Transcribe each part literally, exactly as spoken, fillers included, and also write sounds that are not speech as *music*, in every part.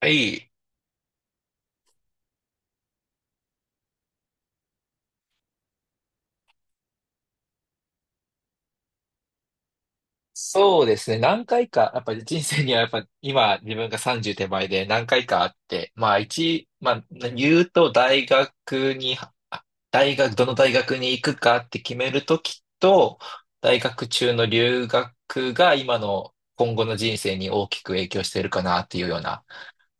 はい。そうですね。何回か、やっぱり人生にはやっぱ今自分がさんじゅう手前で何回かあって、まあ一、まあ言うと大学に、あ大学、どの大学に行くかって決めるときと、大学中の留学が今の今後の人生に大きく影響しているかなっていうような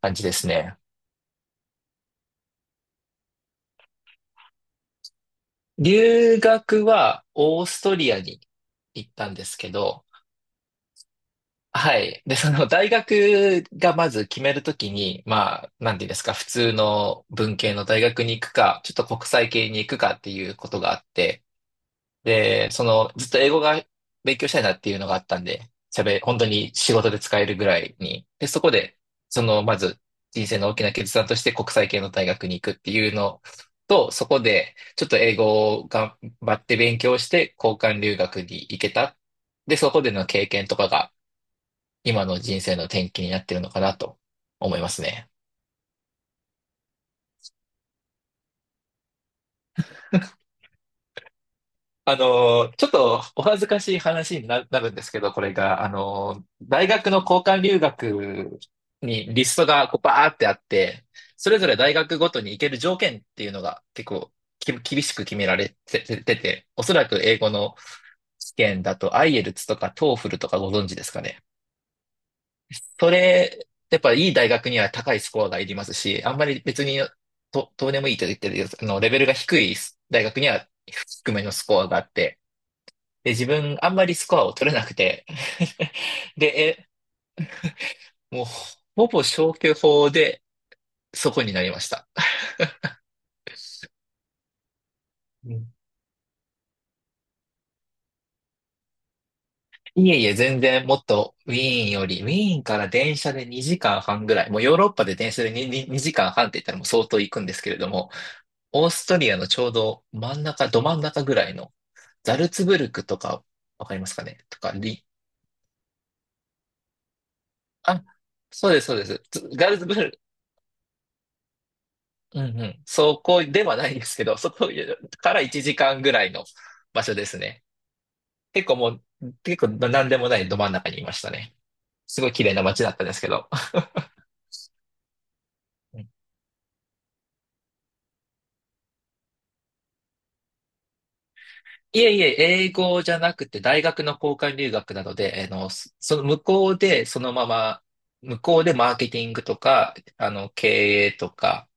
感じですね。留学はオーストリアに行ったんですけど、はい。で、その大学がまず決めるときに、まあ、なんていうんですか、普通の文系の大学に行くか、ちょっと国際系に行くかっていうことがあって、で、その、ずっと英語が勉強したいなっていうのがあったんで、喋、本当に仕事で使えるぐらいに。で、そこで、その、まず人生の大きな決断として国際系の大学に行くっていうのと、そこで、ちょっと英語を頑張って勉強して、交換留学に行けた。で、そこでの経験とかが、今の人生の転機になってるのかなと思いますね。あの、ちょっとお恥ずかしい話にな、なるんですけど、これが、あの、大学の交換留学にリストがこうバーってあって、それぞれ大学ごとに行ける条件っていうのが結構き厳しく決められててて、おそらく英語の試験だと アイエルツ とか TOEFL とかご存知ですかね。それ、やっぱいい大学には高いスコアがいりますし、あんまり別にとどうでもいいと言ってるよあの、レベルが低い大学には低めのスコアがあって、で、自分あんまりスコアを取れなくて、*laughs* で、え、もうほぼ消去法でそこになりました。うん。いえいえ、全然もっとウィーンより、ウィーンから電車でにじかんはんぐらい、もうヨーロッパで電車でに、にに時間半って言ったらもう相当行くんですけれども、オーストリアのちょうど真ん中、ど真ん中ぐらいの、ザルツブルクとか、わかりますかねとか、リ、あ、そうです、そうです。つザルツブルク、うんうん。そこではないですけど、*laughs* そこからいちじかんぐらいの場所ですね。結構もう、結構何でもないど真ん中にいましたね。すごい綺麗な街だったんですけど。うん。いえいえ、英語じゃなくて大学の交換留学なので、あの、そその向こうでそのまま、向こうでマーケティングとか、あの、経営とか、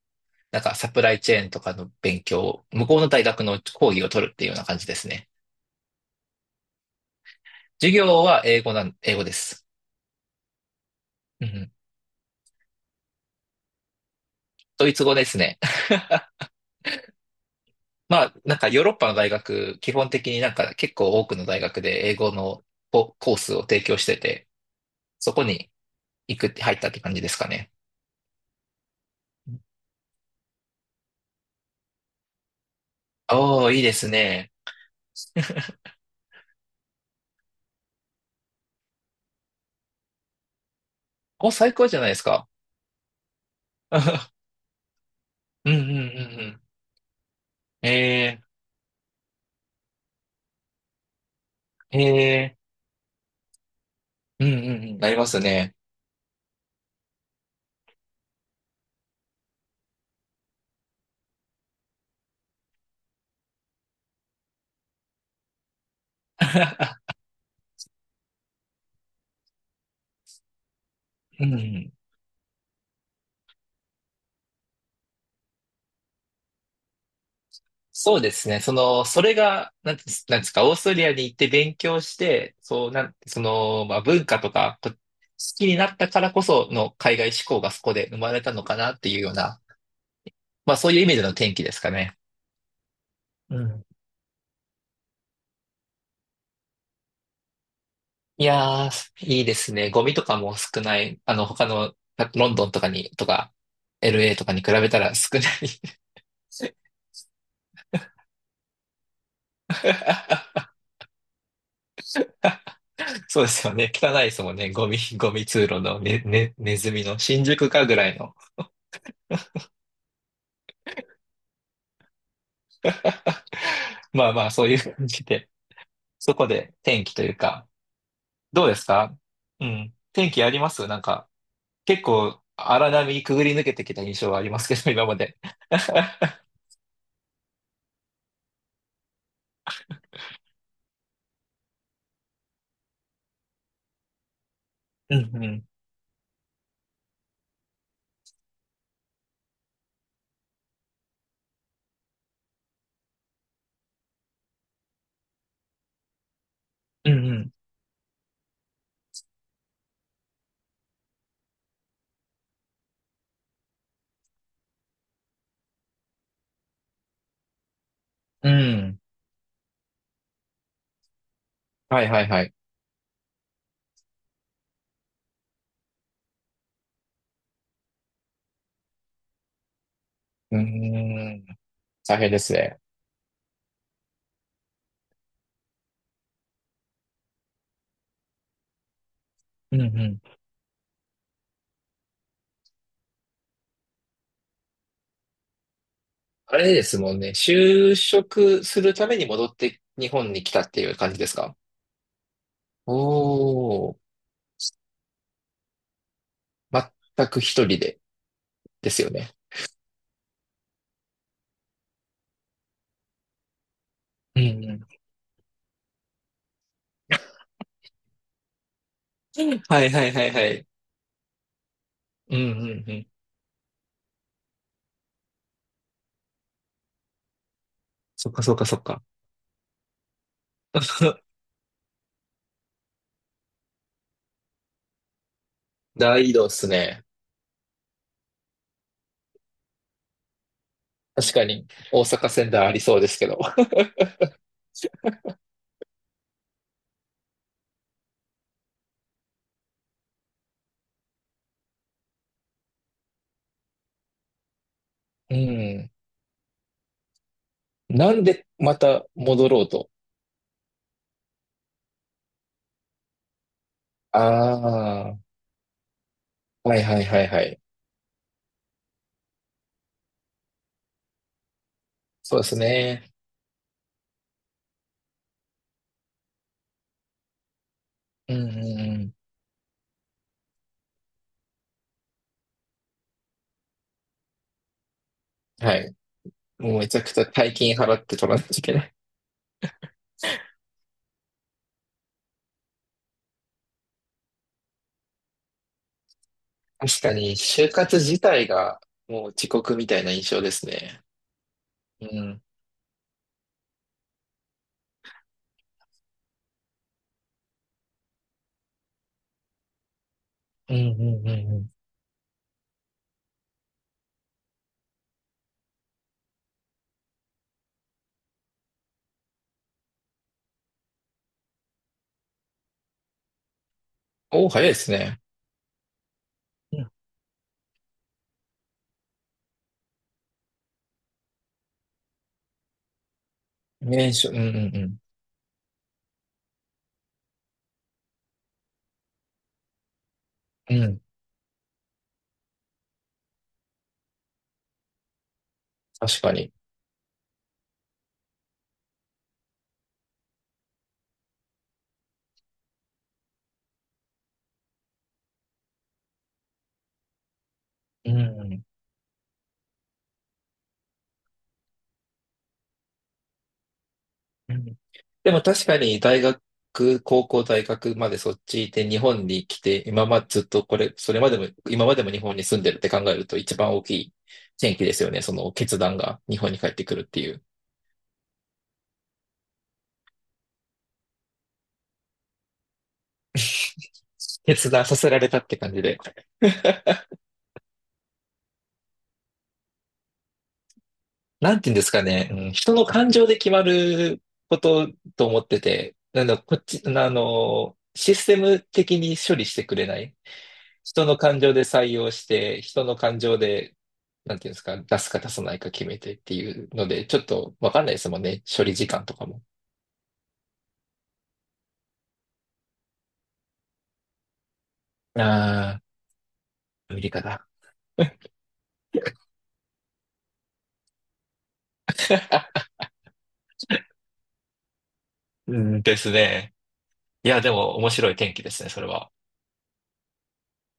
なんかサプライチェーンとかの勉強を、向こうの大学の講義を取るっていうような感じですね。授業は英語なん、英語です。うん。ドイツ語ですね。*laughs* まあ、なんかヨーロッパの大学、基本的になんか結構多くの大学で英語のココースを提供してて、そこに行くって入ったって感じですかね。おー、いいですね。お、最高じゃないですか。*laughs* うんうんうんうん。えー、えー、うんうんうん。なりますね。*laughs* うん。そうですね。その、それが、なんてなんですか、オーストリアに行って勉強して、そう、なん、その、まあ、文化とか、こ好きになったからこその海外志向がそこで生まれたのかなっていうような、まあ、そういう意味での転機ですかね。うん。いやー、いいですね。ゴミとかも少ない。あの、他の、ロンドンとかに、とか、エルエー とかに比べたら少ない。 *laughs* そうですよね。汚いですもんね。ゴミ、ゴミ通路のね、ね、ネズミの新宿かぐらいの。*laughs* まあまあ、そういう感じで、そこで天気というか、どうですか？うん。天気ありますなんか、結構荒波くぐり抜けてきた印象はありますけど、*laughs* 今まで。うんうん。うんうん。うん。はいはいはい。うーん。大変ですね。うんうん。あれですもんね。就職するために戻って日本に来たっていう感じですか？おー。全く一人で？ですよね。うんうん。はいはいはいはい。うんうんうん。そっかそっかそっか。*laughs* 大移動っすね。確かに、大阪仙台ありそうですけど。うん。なんでまた戻ろうと？ああ、はいはいはいはい。そうですね。うんうんうん。はい。もうめちゃくちゃ大金払って取らないといけない。確かに、就活自体がもう遅刻みたいな印象ですね。うん。うんうんうんうん。おお、早いですね。うん。年初、うんうんうん。うん。確かに。うん。うん。でも確かに大学、高校、大学までそっちで日本に来て、今までずっとこれ、それまでも、今までも日本に住んでるって考えると一番大きい転機ですよね。その決断が日本に帰ってくるっていう。*laughs* 決断させられたって感じで。*laughs* なんて言うんですかね、うん、人の感情で決まることと思ってて、なんだ、こっち、あの、システム的に処理してくれない。人の感情で採用して、人の感情で、なんていうんですか、出すか出さないか決めてっていうので、ちょっとわかんないですもんね。処理時間とかも。ああ、アメリカだ。*laughs* うんですね。いや、でも面白い天気ですね、それは。